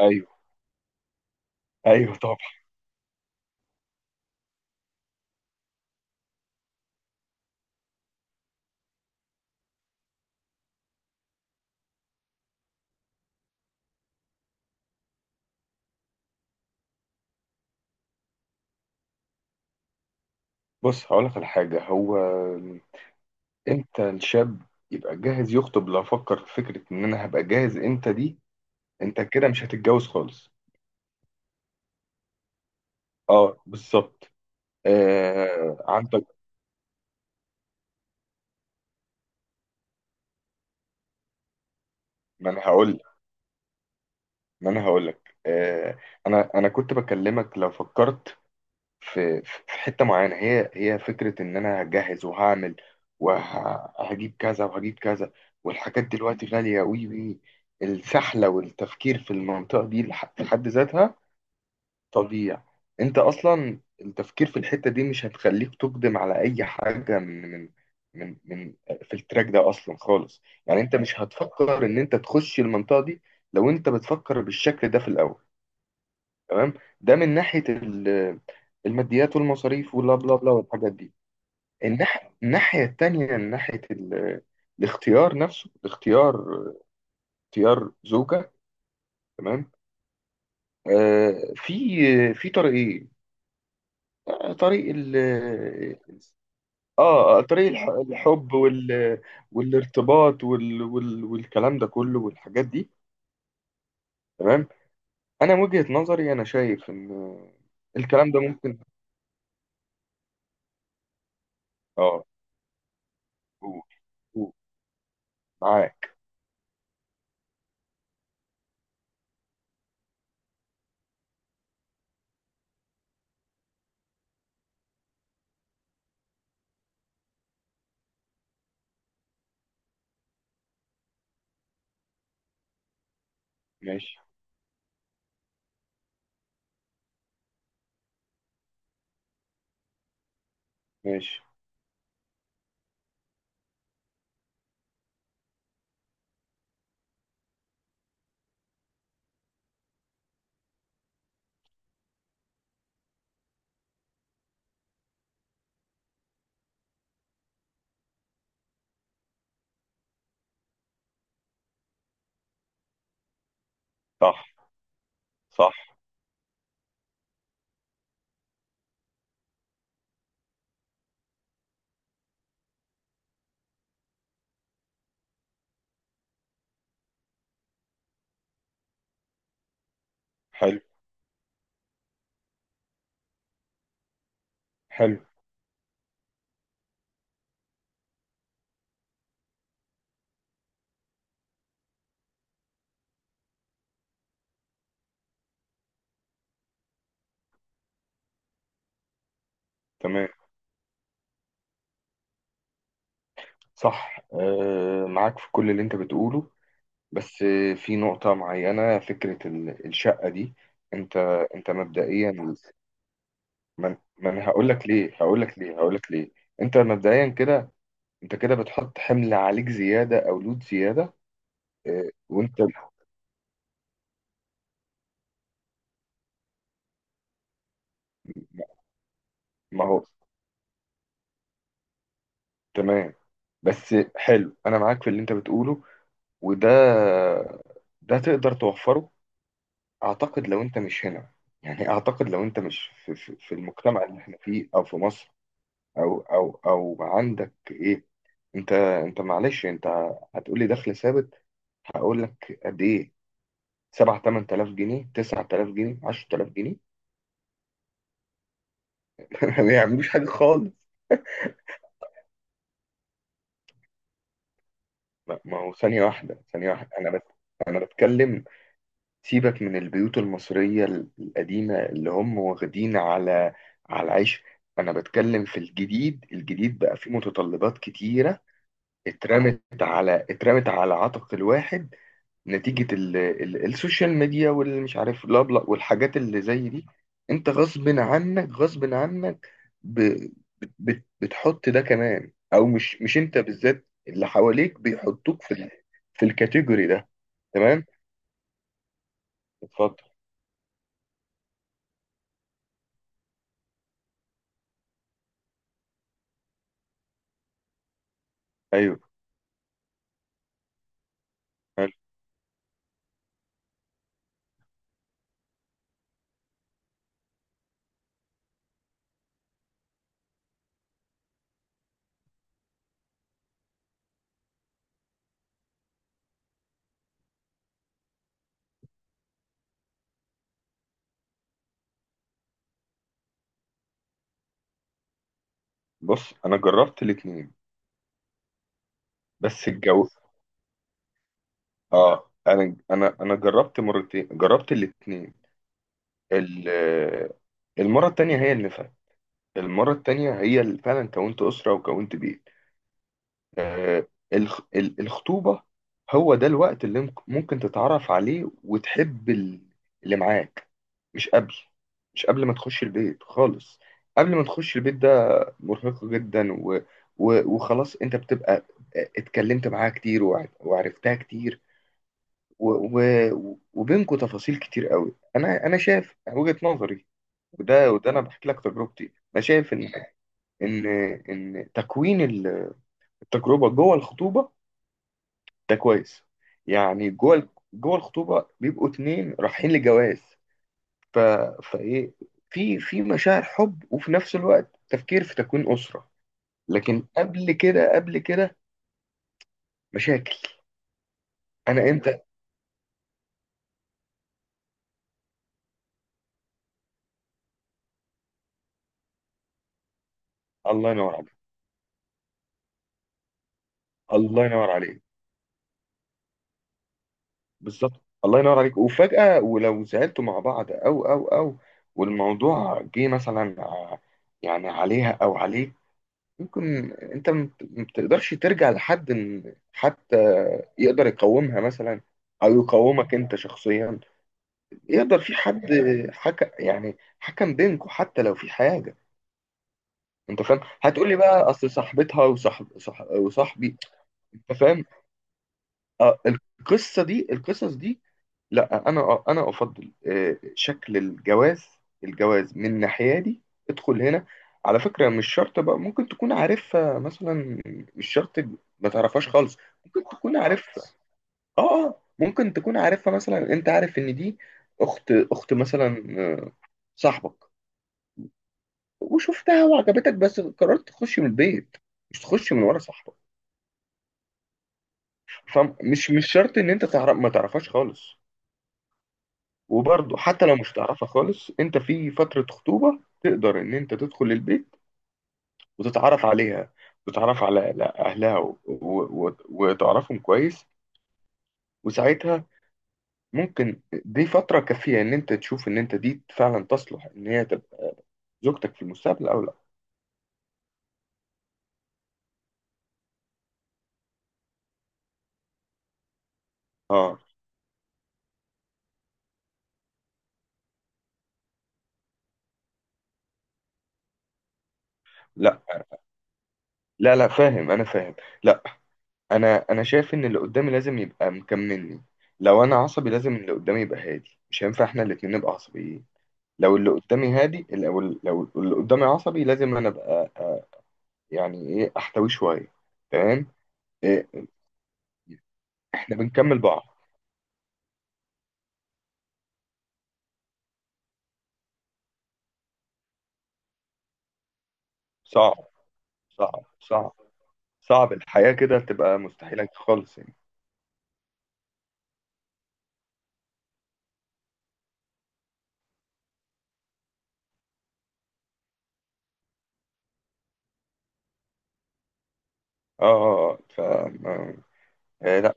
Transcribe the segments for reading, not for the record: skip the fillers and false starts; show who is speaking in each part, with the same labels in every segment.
Speaker 1: ايوه، ايوه، طبعا. بص، هقول لك على حاجه. هو انت الشاب يبقى جاهز يخطب لو فكر في فكره ان انا هبقى جاهز امتى دي، انت كده مش هتتجوز خالص. اه، بالظبط. عندك. ما انا هقول ما انا هقول لك، انا كنت بكلمك لو فكرت في حتة معينة، هي فكرة إن أنا هجهز وهعمل وهجيب كذا وهجيب كذا. والحاجات دلوقتي غالية، وي وي، السحلة والتفكير في المنطقة دي في حد ذاتها تضييع. أنت أصلا التفكير في الحتة دي مش هتخليك تقدم على أي حاجة من من من من في التراك ده أصلا خالص. يعني أنت مش هتفكر إن أنت تخش المنطقة دي لو أنت بتفكر بالشكل ده في الأول. تمام. ده من ناحيه الماديات والمصاريف واللا بلا بلا والحاجات دي. الناحيه التانيه من ناحيه الاختيار نفسه، الاختيار، اختيار زوجه. تمام. آه في في طريقين. آه، طريق ال اه آه، طريق الحب والارتباط، والكلام ده كله والحاجات دي. تمام. انا من وجهة نظري، انا شايف ان الكلام ده ممكن. اه، قول، قول، معاك. ماشي، ماشي. صح، صح. حلو، حلو. تمام. صح، معاك في كل اللي انت بتقوله. بس في نقطة معينة، فكرة الشقة دي، انت انت مبدئيا. من من هقول لك ليه، هقول لك ليه، هقول لك ليه. انت مبدئيا كده، انت كده بتحط حمل عليك زيادة او لود زيادة. آه، وانت ما هو تمام. بس، حلو. انا معاك في اللي انت بتقوله. وده تقدر توفره. أعتقد لو أنت مش هنا، يعني أعتقد لو أنت مش في المجتمع اللي إحنا فيه، أو في مصر. أو أو أو عندك إيه. أنت أنت معلش، أنت هتقولي دخل ثابت. هقول لك قد إيه. 7 8000 جنيه، 9000 جنيه، 10000 جنيه. ما بيعملوش حاجة خالص. ما هو، ثانية واحدة، ثانية واحدة، أنا بتكلم. سيبك من البيوت المصرية القديمة اللي هم واخدين على العيش. أنا بتكلم في الجديد. الجديد بقى فيه متطلبات كتيرة اترمت على عاتق الواحد نتيجة السوشيال ميديا والمش عارف لا بلا والحاجات اللي زي دي. انت غصب عنك، غصب عنك، ب... بتحط ده كمان، او مش انت بالذات، اللي حواليك بيحطوك في الكاتيجوري ده. تمام. اتفضل. ايوه، حلو. بص، انا جربت الاتنين. بس الجو اه انا جربت مرتين، جربت الاتنين. ال- المرة التانية هي اللي المرة التانية هي اللي فعلا كونت أسرة وكونت بيت. آه، الخطوبة هو ده الوقت اللي ممكن تتعرف عليه وتحب اللي معاك. مش قبل مش قبل ما تخش البيت خالص. قبل ما تخش البيت ده مرهقة جدا. وخلاص، انت بتبقى، اتكلمت معاها كتير وعرفتها كتير، و... وبينكوا تفاصيل كتير قوي. انا شايف وجهة نظري. وده انا بحكي لك تجربتي. انا شايف ان ان تكوين التجربه جوه الخطوبه ده كويس. يعني جوه الخطوبه بيبقوا اتنين رايحين لجواز. ف... فايه في مشاعر حب وفي نفس الوقت تفكير في تكوين اسره. لكن قبل كده، قبل كده، مشاكل. انا انت الله ينور عليك، الله ينور عليك. بالظبط، الله ينور عليك. وفجأة، ولو زعلتوا مع بعض او او او والموضوع جه مثلا يعني عليها او عليك، ممكن انت ما بتقدرش ترجع لحد، إن حتى يقدر يقومها مثلا، او يقومك انت شخصيا. يقدر في حد حكم، يعني حكم بينكم حتى لو في حاجه. انت فاهم، هتقول لي بقى اصل صاحبتها وصاحبي. انت فاهم. آه، القصه دي، القصص دي. لا، انا افضل شكل الجواز. الجواز من ناحيتي، ادخل هنا. على فكره، مش شرط بقى، ممكن تكون عارفها مثلا، مش شرط، ما تعرفهاش خالص. ممكن تكون عارفها ممكن تكون عارفها مثلا، انت عارف ان دي اخت مثلا صاحبك، وشفتها وعجبتك، بس قررت تخش من البيت، مش تخش من ورا صاحبك. فمش مش شرط ان انت تعرف، ما تعرفهاش خالص. وبرضه، حتى لو مش تعرفها خالص، انت في فترة خطوبة تقدر ان انت تدخل البيت وتتعرف عليها، وتتعرف على اهلها، وتعرفهم كويس. وساعتها، ممكن دي فترة كافية ان انت تشوف ان انت دي فعلا تصلح ان هي تبقى زوجتك في المستقبل او لا. اه. لا، لا، لا، فاهم. انا فاهم. لا، انا شايف ان اللي قدامي لازم يبقى مكملني. لو انا عصبي، لازم اللي قدامي يبقى هادي. مش هينفع احنا الاتنين نبقى عصبيين. لو اللي قدامي عصبي، لازم انا ابقى يعني ايه، احتويه شويه. تمام. إيه، احنا بنكمل بعض. صعب، صعب، صعب، صعب. الحياه كده تبقى مستحيله خالص يعني. اه، اه. آه، ف آه، آه، لا،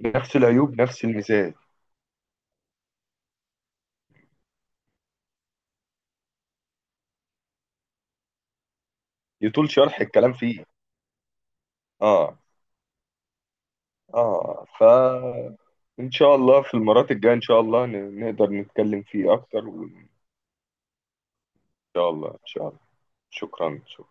Speaker 1: نفس العيوب، نفس الميزات. يطول شرح الكلام فيه. اه، اه. ان شاء الله في المرات الجايه، ان شاء الله نقدر نتكلم فيه اكتر، وان شاء الله، ان شاء الله. شكرا، شكرا.